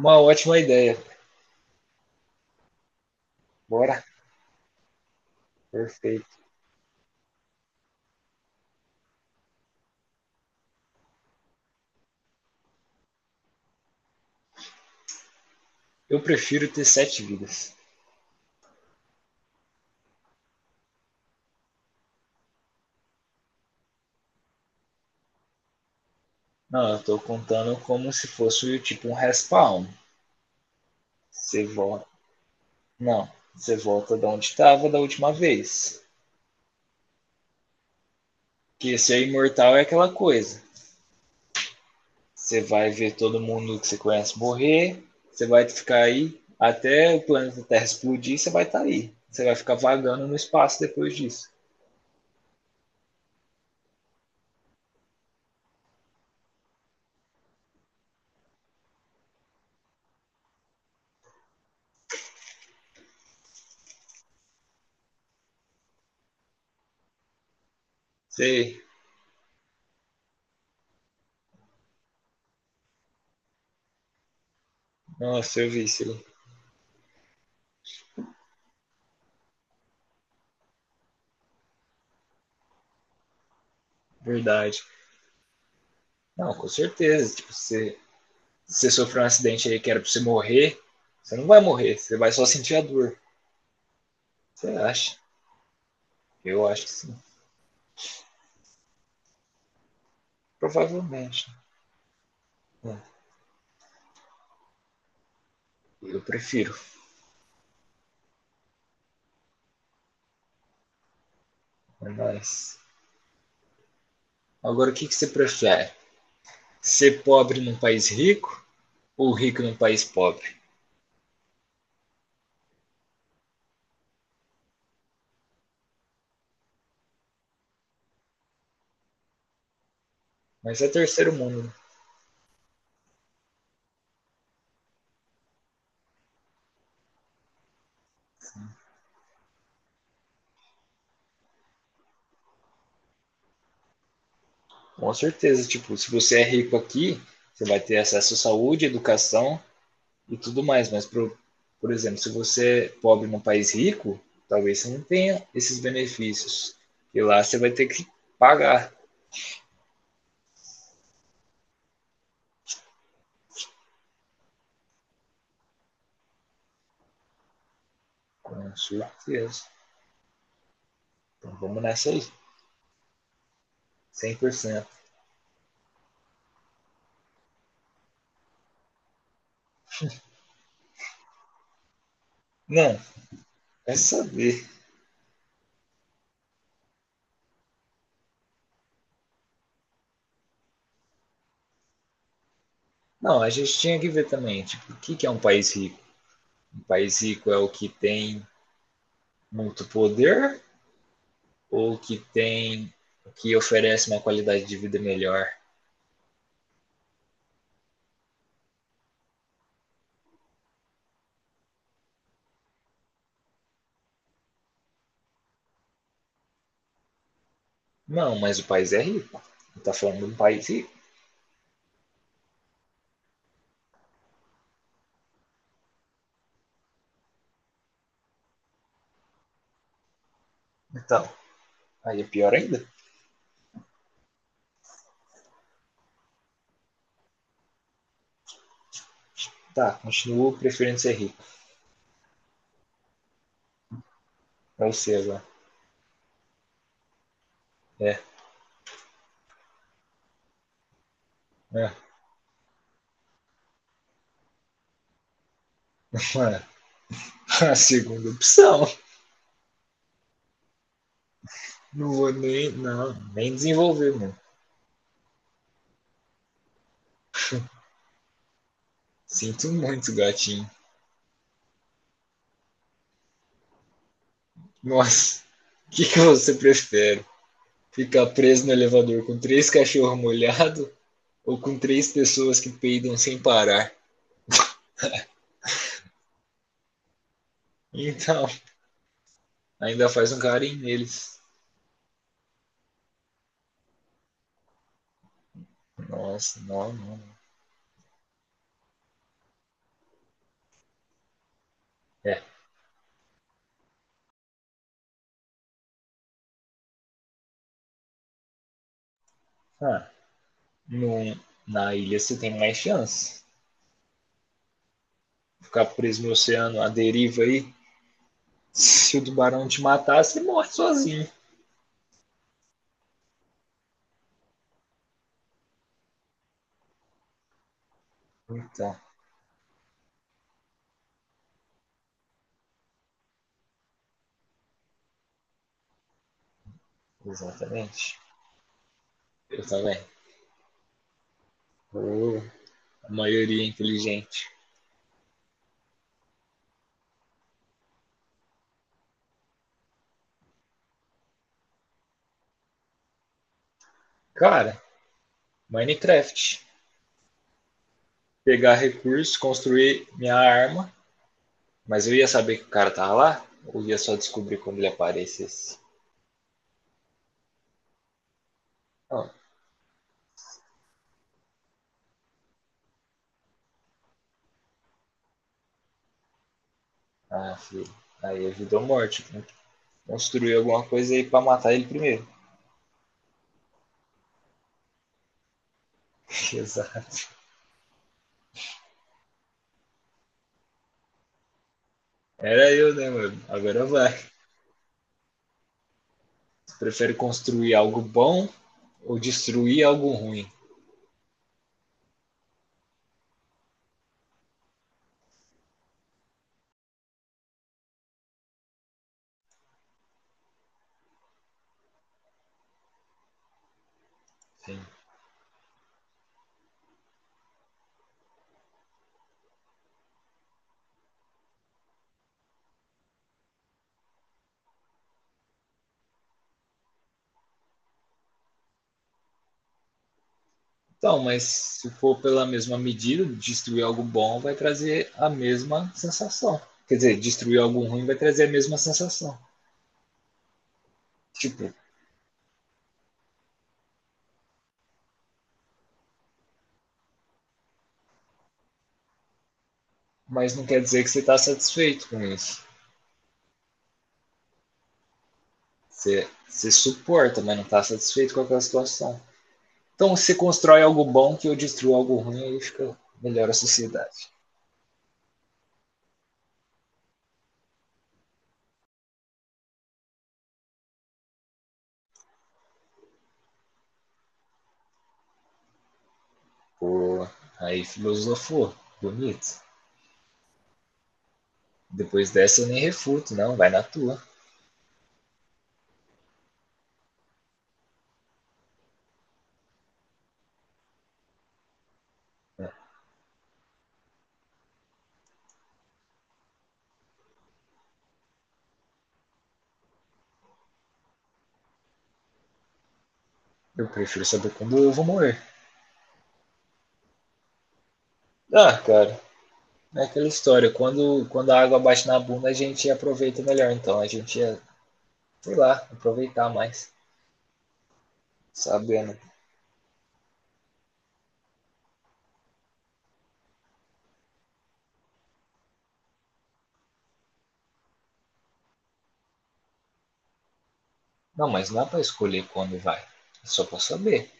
Uma ótima ideia. Bora. Perfeito. Eu prefiro ter sete vidas. Não, eu tô contando como se fosse tipo um respawn. Você volta. Não, você volta de onde estava da última vez. Porque ser imortal é aquela coisa. Você vai ver todo mundo que você conhece morrer. Você vai ficar aí até o planeta Terra explodir. Você vai estar tá aí. Você vai ficar vagando no espaço depois disso. Sei. Nossa, eu vi isso. Verdade. Não, com certeza. Tipo, você sofreu um acidente aí que era pra você morrer, você não vai morrer, você vai só sentir a dor. Você acha? Eu acho que sim. Provavelmente. É, eu prefiro. É nóis. Agora, o que, que você prefere? Ser pobre num país rico ou rico num país pobre? Mas é terceiro mundo, né? Com certeza, tipo, se você é rico aqui, você vai ter acesso à saúde, educação, e tudo mais. Mas, por exemplo, se você é pobre num país rico, talvez você não tenha esses benefícios. E lá você vai ter que pagar, com certeza. Então vamos nessa aí, cem por cento. Não, é saber. Não, a gente tinha que ver também, tipo, o que que é um país rico? Um país rico é o que tem muito poder ou que oferece uma qualidade de vida melhor? Não, mas o país é rico. Não, tá falando de um país rico. Então, aí é pior ainda. Tá, continuo preferindo ser rico. Pra você agora. É. É. Mano, a segunda opção. Não vou nem. Não, nem desenvolver, mano. Sinto muito, gatinho. Nossa. O que, que você prefere? Ficar preso no elevador com três cachorros molhados ou com três pessoas que peidam sem parar? Então, ainda faz um carinho neles. Nossa, não, não. É. Ah, no, na ilha você tem mais chance. Ficar preso no oceano, a deriva aí, se o tubarão te matar, você morre sozinho. Então, exatamente. Eu também. Oh, a maioria é inteligente. Cara, Minecraft. Pegar recursos, construir minha arma. Mas eu ia saber que o cara tava lá? Ou ia só descobrir quando ele aparecesse? Não. Ah, filho. Aí é vida ou morte. Tem que construir alguma coisa aí pra matar ele primeiro. Exato. Era eu, né, mano? Agora vai. Prefere construir algo bom ou destruir algo ruim? Sim. Então, mas se for pela mesma medida, destruir algo bom vai trazer a mesma sensação. Quer dizer, destruir algo ruim vai trazer a mesma sensação. Tipo, mas não quer dizer que você está satisfeito com isso. Você, você suporta, mas não está satisfeito com aquela situação. Então, você constrói algo bom que eu destruo algo ruim e fica melhor a sociedade. Pô, aí filosofou. Bonito. Depois dessa eu nem refuto, não, vai na tua. Eu prefiro saber quando eu vou morrer. Ah, cara, é aquela história, quando a água bate na bunda, a gente aproveita melhor, então a gente ia, sei lá, aproveitar mais, sabendo. Não, mas não dá pra escolher quando vai, é só pra saber.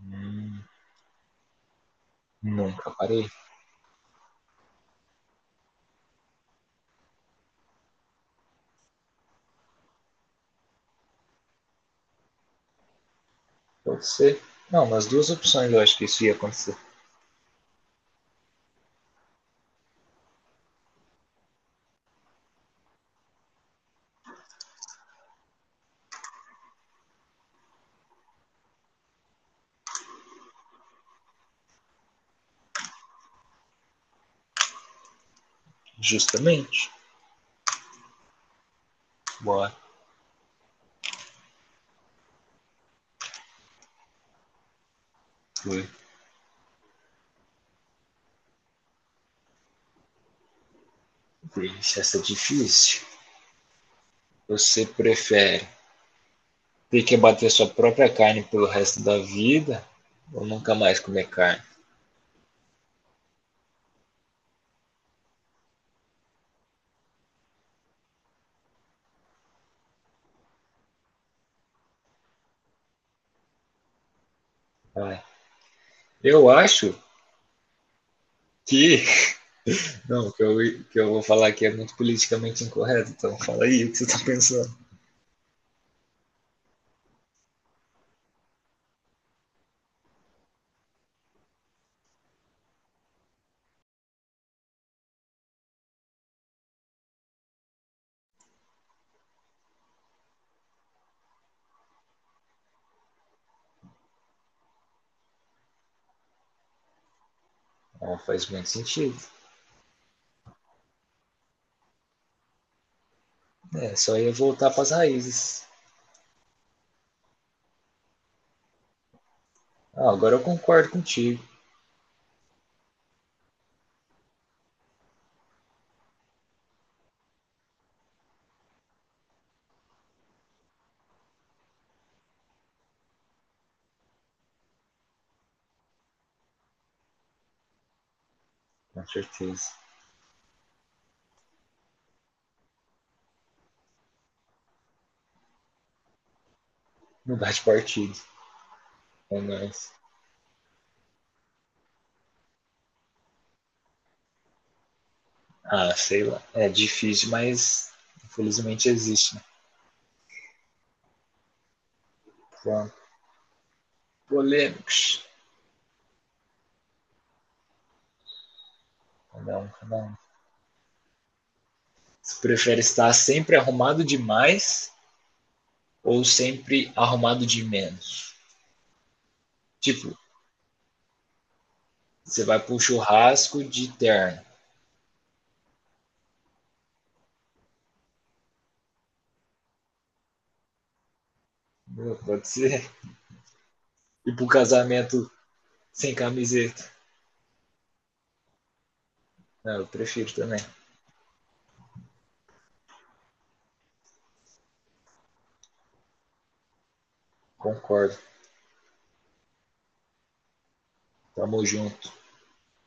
Hum, nunca parei, pode ser. Não, nas duas opções eu acho que isso ia acontecer. Justamente, bora, foi. Deixa essa é difícil. Você prefere ter que abater sua própria carne pelo resto da vida ou nunca mais comer carne? Vai. Eu acho que não, o que eu vou falar aqui é muito politicamente incorreto, então fala aí o que você tá pensando. Não, faz muito sentido. É, só ia voltar pras raízes. Ah, agora eu concordo contigo, com certeza. Mudar de partido, é nóis. Ah, sei lá. É difícil, mas infelizmente existe. Né? Pronto. Polêmicos. Cada um, cada um. Você prefere estar sempre arrumado demais ou sempre arrumado de menos? Tipo, você vai pro churrasco de terno. Pode ser. E pro casamento sem camiseta. Não, eu prefiro também. Concordo. Tamo junto.